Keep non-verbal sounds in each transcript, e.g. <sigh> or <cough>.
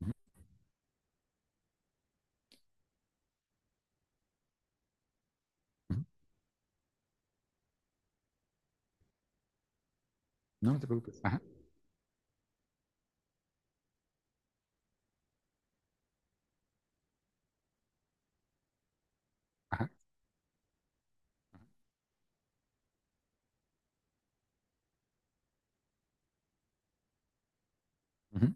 Ujú, ujú. No, no te preocupes. Ajá, ajá. Ujú,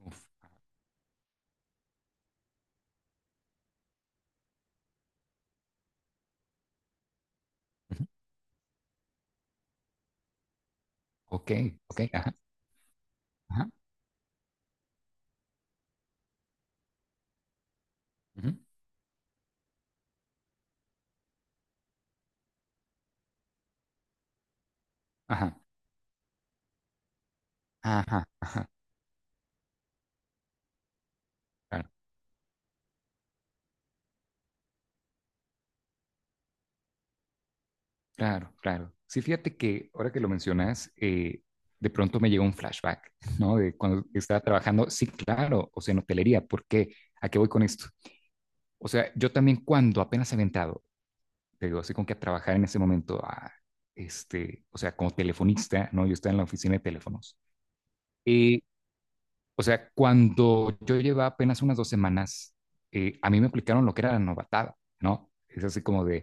uf, ujú. Ok, ok, ajá, ajá, ujú, ajá, ajá. Claro, claro, claro. Sí, fíjate que ahora que lo mencionas, de pronto me llegó un flashback, ¿no? De cuando estaba trabajando, sí, claro, o sea, en hotelería, ¿por qué? ¿A qué voy con esto? O sea, yo también cuando apenas he aventado, te digo, así como que a trabajar en ese momento, a, este, o sea, como telefonista, ¿no? Yo estaba en la oficina de teléfonos. eh, O sea, cuando yo llevaba apenas unas dos semanas, a mí me aplicaron lo que era la novatada, ¿no? Es así como de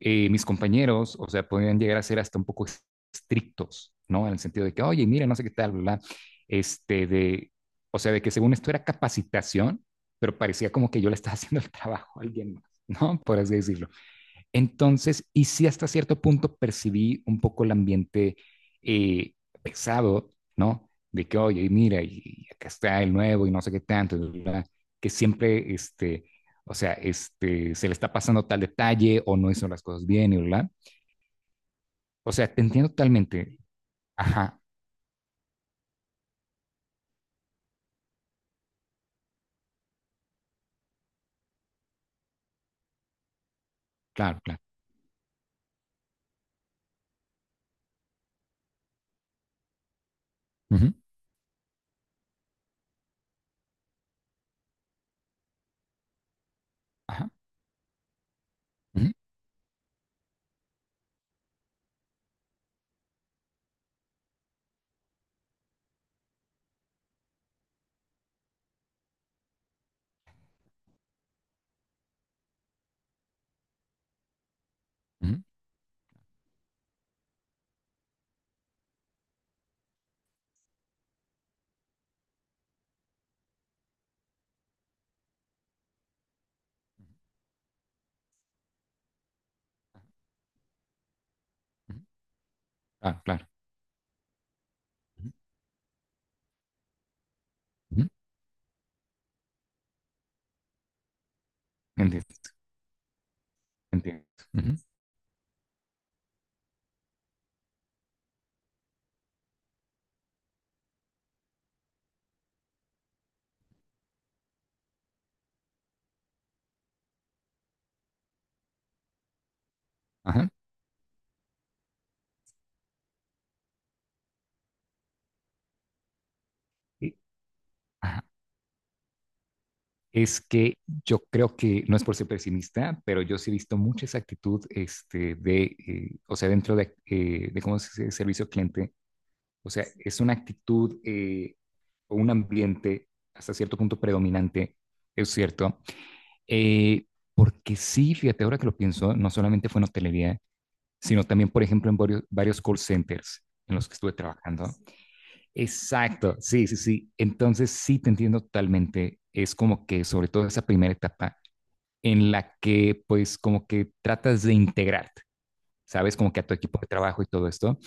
mis compañeros, o sea, podían llegar a ser hasta un poco estrictos, ¿no? En el sentido de que, oye, mira, no sé qué tal, bla, bla. Este, de, o sea, de que según esto era capacitación, pero parecía como que yo le estaba <laughs> haciendo el trabajo a alguien más, ¿no? Por así decirlo. Entonces, y sí hasta cierto punto percibí un poco el ambiente eh, pesado, ¿no? De que, oye, y mira, y acá está el nuevo y no sé qué tanto, bla, que siempre, este, o sea, este, se le está pasando tal detalle o no hizo las cosas bien y o sea, te entiendo totalmente. Ajá, claro, claro. Ujú, ajá, ujú, ujú, ujú, claro, claro. Ujú, ujú, entiendo, entiendo. Ujú, ajá, y- ajá. Es que yo creo que, no es por ser pesimista, pero yo sí he visto mucha esa actitud este, de, o sea, dentro de cómo se dice servicio cliente, o sea, es una actitud o un ambiente hasta cierto punto predominante, es cierto, eh, porque sí, fíjate, ahora que lo pienso, no solamente fue en hotelería, sino también, por ejemplo, en varios, varios call centers en los que estuve trabajando. Exacto, sí, sí, sí. Entonces sí te entiendo totalmente. Es como que sobre todo esa primera etapa en la que pues como que tratas de integrarte, ¿sabes? Como que a tu equipo de trabajo y todo esto.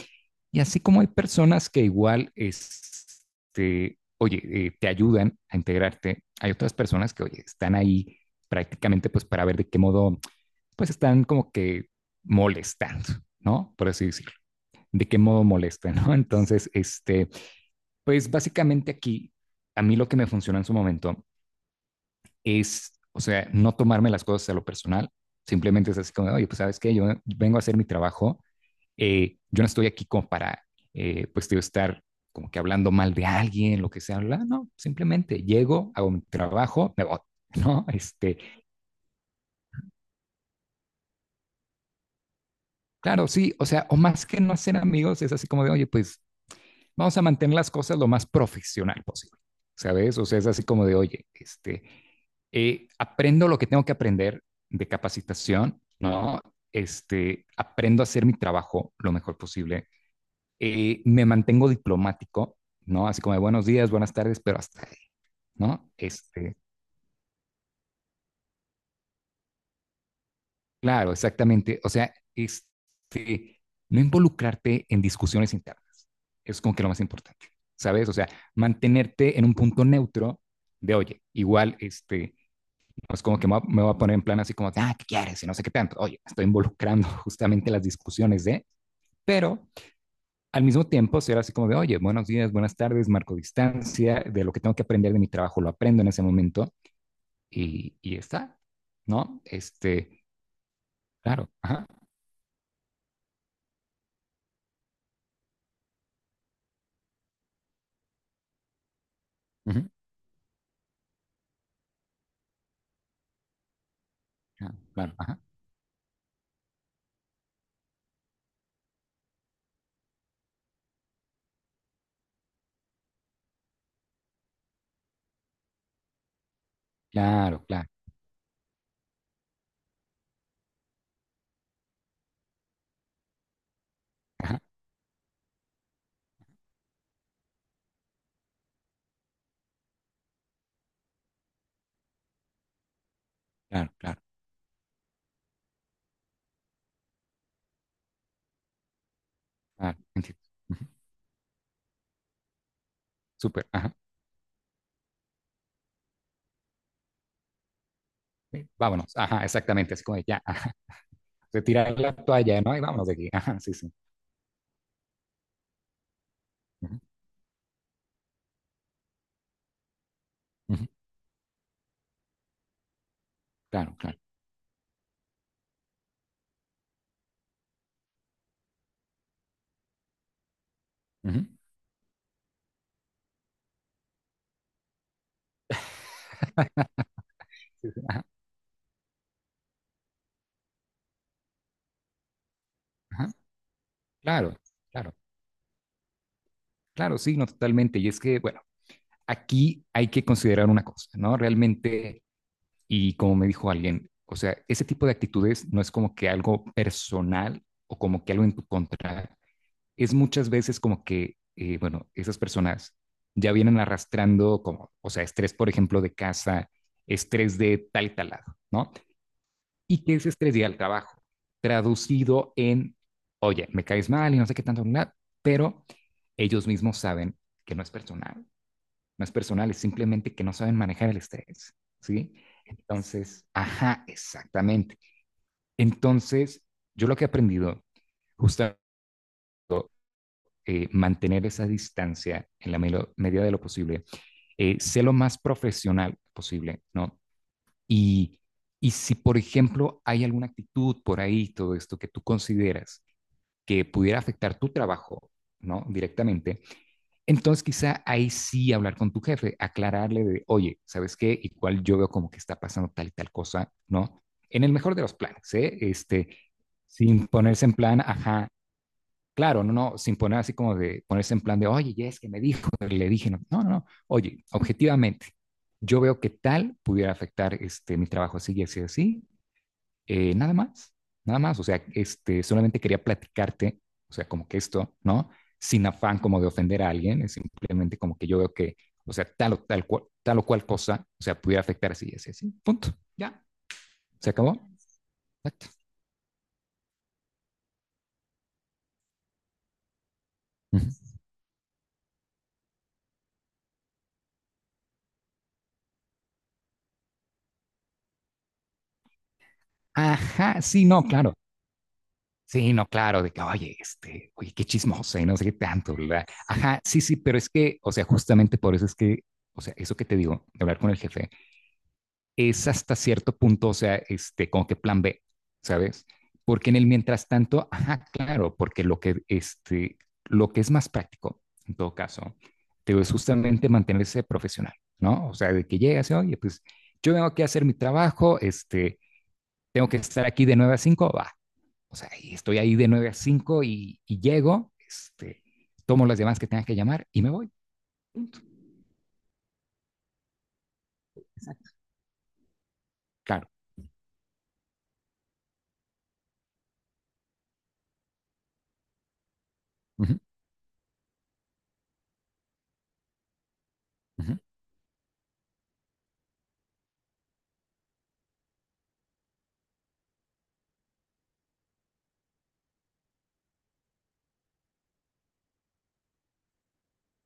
Y así como hay personas que igual, este, oye, te ayudan a integrarte, hay otras personas que, oye, están ahí prácticamente pues para ver de qué modo, pues están como que molestando, ¿no? Por así decirlo. De qué modo molestan, ¿no? Entonces, este, pues básicamente aquí, a mí lo que me funcionó en su momento es, o sea, no tomarme las cosas a lo personal, simplemente es así como, oye, pues sabes qué, yo vengo a hacer mi trabajo, yo no estoy aquí como para, pues, tío, estar como que hablando mal de alguien, lo que sea, bla, no, simplemente llego, hago mi trabajo, me voy, <laughs> ¿no? Este, claro, sí, o sea, o más que no ser amigos, es así como de, oye, pues, vamos a mantener las cosas lo más profesional posible, ¿sabes? O sea, es así como de, oye, este, aprendo lo que tengo que aprender de capacitación, ¿no? Este, aprendo a hacer mi trabajo lo mejor posible, me mantengo diplomático, ¿no? Así como de buenos días, buenas tardes, pero hasta ahí, ¿no? Este, claro, exactamente. O sea, este, no involucrarte en discusiones internas. Es como que lo más importante, ¿sabes? O sea, mantenerte en un punto neutro de, oye, igual, este, no es como que me voy a poner en plan así como, ah, ¿qué quieres? Y no sé qué tanto. Oye, me estoy involucrando <laughs> justamente en las discusiones de, pero al mismo tiempo ser así como de, oye, buenos días, buenas tardes, marco distancia, de lo que tengo que aprender de mi trabajo lo aprendo en ese momento y está, ¿no? Este, claro, ajá. Ujú. Claro, claro, ajá. Claro, claro, ajá. Claro, claro, claro, entiendo. Ujú. Súper, ajá. Sí, vámonos, ajá, exactamente, así como de ya, ajá. Retirar la toalla, ¿no? Y vámonos de aquí, ajá, sí, sí. Ujú, ujú. Claro, claro. Ujú. <laughs> Sí, sí, ajá, ajá. Claro, claro, claro, sí, no, totalmente. Y es que, bueno, aquí hay que considerar una cosa, ¿no? Realmente, y como me dijo alguien, o sea, ese tipo de actitudes no es como que algo personal o como que algo en tu contra, es muchas veces como que, bueno, esas personas ya vienen arrastrando como, o sea, estrés, por ejemplo, de casa, estrés de tal y tal lado, ¿no? Y que ese estrés llega al trabajo, traducido en, oye, me caes mal y no sé qué tanto, nada, pero ellos mismos saben que no es personal, no es personal, es simplemente que no saben manejar el estrés, ¿sí? Entonces, ajá, exactamente. Entonces, yo lo que he aprendido, justamente mantener esa distancia en la medida de lo posible, sé lo más profesional posible, ¿no? Y, y si, por ejemplo, hay alguna actitud por ahí, todo esto que tú consideras que pudiera afectar tu trabajo, ¿no? Directamente, entonces quizá ahí sí hablar con tu jefe, aclararle de, oye, ¿sabes qué? Igual yo veo como que está pasando tal y tal cosa, ¿no? En el mejor de los planes, ¿eh? Este, sin ponerse en plan, ajá, claro, no, no, sin poner así como de ponerse en plan de, oye, ya es que me dijo, pero le dije, no, no, no, no. Oye, objetivamente, yo veo que tal pudiera afectar este, mi trabajo así y así, así, nada más, nada más, o sea, este, solamente quería platicarte, o sea, como que esto, ¿no? Sin afán como de ofender a alguien, es simplemente como que yo veo que, o sea, tal o tal, cual, tal o cual cosa, o sea, pudiera afectar así y así, así, punto, ya, se acabó, exacto. Ujú. Ajá, sí, no, claro, sí, no, claro, de que, oye, este, oye, qué chismosa y no sé qué tanto, ¿verdad? Ajá, sí, sí, pero es que, o sea, justamente por eso es que, o sea, eso que te digo, de hablar con el jefe, es hasta cierto punto, o sea, este, como que plan B, ¿sabes? Porque en el mientras tanto, ajá, claro, porque lo que, este, lo que es más práctico, en todo caso, te digo, es justamente mantenerse profesional, ¿no? O sea, de que llegas y, oye, pues, yo vengo aquí a hacer mi trabajo, este, tengo que estar aquí de 9 a 5, va, o sea, y estoy ahí de 9 a 5 y llego, este, tomo las llamadas que tenga que llamar y me voy. Claro. Ujú, ujú,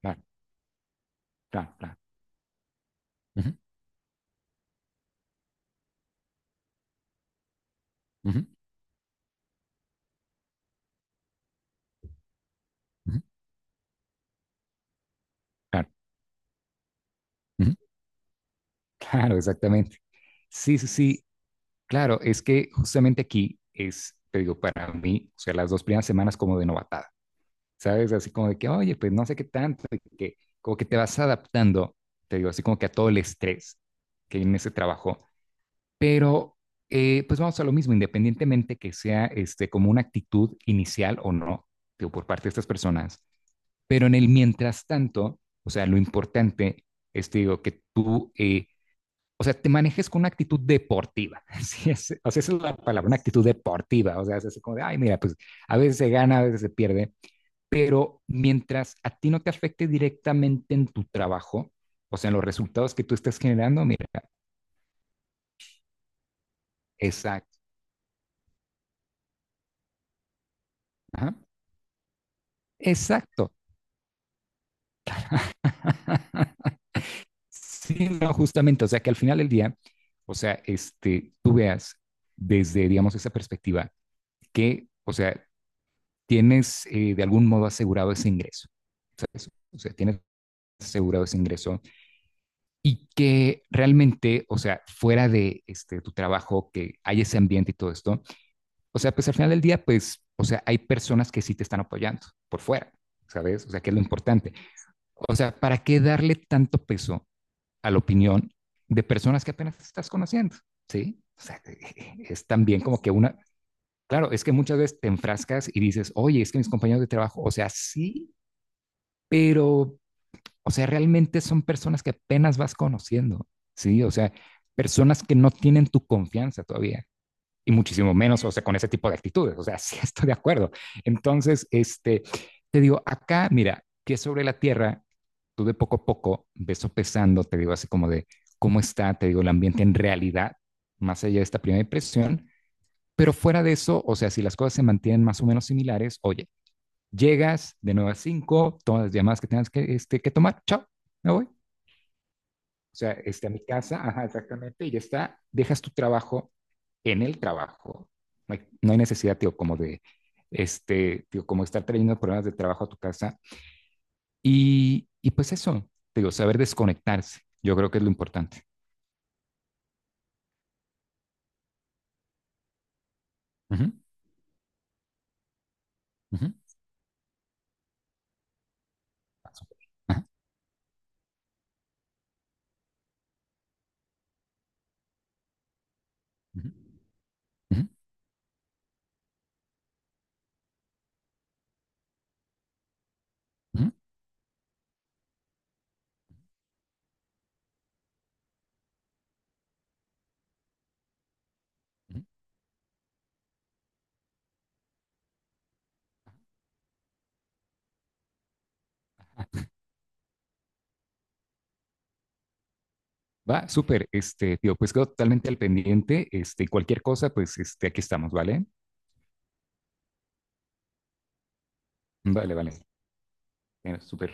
claro, claro, claro. Ujú, ujú, ujú, claro, ujú, claro, exactamente. Sí, sí, sí. Claro, es que justamente aquí es, te digo, para mí, o sea, las dos primeras semanas como de novatada, ¿sabes? Así como de que, oye, pues no sé qué tanto, y que como que te vas adaptando, te digo, así como que a todo el estrés que hay en ese trabajo. Pero pues vamos a lo mismo, independientemente que sea este, como una actitud inicial o no, digo, por parte de estas personas, pero en el mientras tanto, o sea, lo importante es, te digo, que tú, o sea, te manejes con una actitud deportiva, <laughs> sí, es, o sea, esa es la palabra, una actitud deportiva, o sea, es así como de, ay, mira, pues a veces se gana, a veces se pierde, pero mientras a ti no te afecte directamente en tu trabajo, o sea, en los resultados que tú estás generando, mira, exacto, ajá, exacto. Sí, no, justamente, o sea que al final del día, o sea, este, tú veas desde, digamos, esa perspectiva que, o sea, tienes de algún modo asegurado ese ingreso, ¿sabes? O sea, tienes asegurado ese ingreso y que realmente, o sea, fuera de este, tu trabajo, que hay ese ambiente y todo esto, o sea, pues al final del día, pues, o sea, hay personas que sí te están apoyando por fuera, ¿sabes? O sea, que es lo importante. O sea, ¿para qué darle tanto peso a la opinión de personas que apenas estás conociendo, ¿sí? O sea, <laughs> es también como que una, claro, es que muchas veces te enfrascas y dices, oye, es que mis compañeros de trabajo, o sea, sí, pero, o sea, realmente son personas que apenas vas conociendo, ¿sí? O sea, personas que no tienen tu confianza todavía y muchísimo menos, o sea, con ese tipo de actitudes, o sea, <laughs> sí estoy de acuerdo. Entonces, este, te digo, acá, mira, que sobre la tierra tú de poco a poco ves sopesando, te digo así como de cómo está, te digo, el ambiente en realidad, más allá de esta primera impresión, pero fuera de eso, o sea, si las cosas se mantienen más o menos similares, oye, llegas de 9 a 5 todas las llamadas que tengas que, este, que tomar, chao, me voy. O sea, este, a mi casa, ajá, exactamente, y ya está, dejas tu trabajo en el trabajo. No hay, no hay necesidad, tío, como de, este, tío, como estar trayendo problemas de trabajo a tu casa y pues eso, digo, saber desconectarse, yo creo que es lo importante. Ujú, ujú. Ah, súper. Ajá, ujú, ujú, ujú, ujú. Va, súper, este, tío, pues quedo totalmente al pendiente, este, y cualquier cosa, pues, este, aquí estamos, ¿vale? Vale, vale, eh, súper.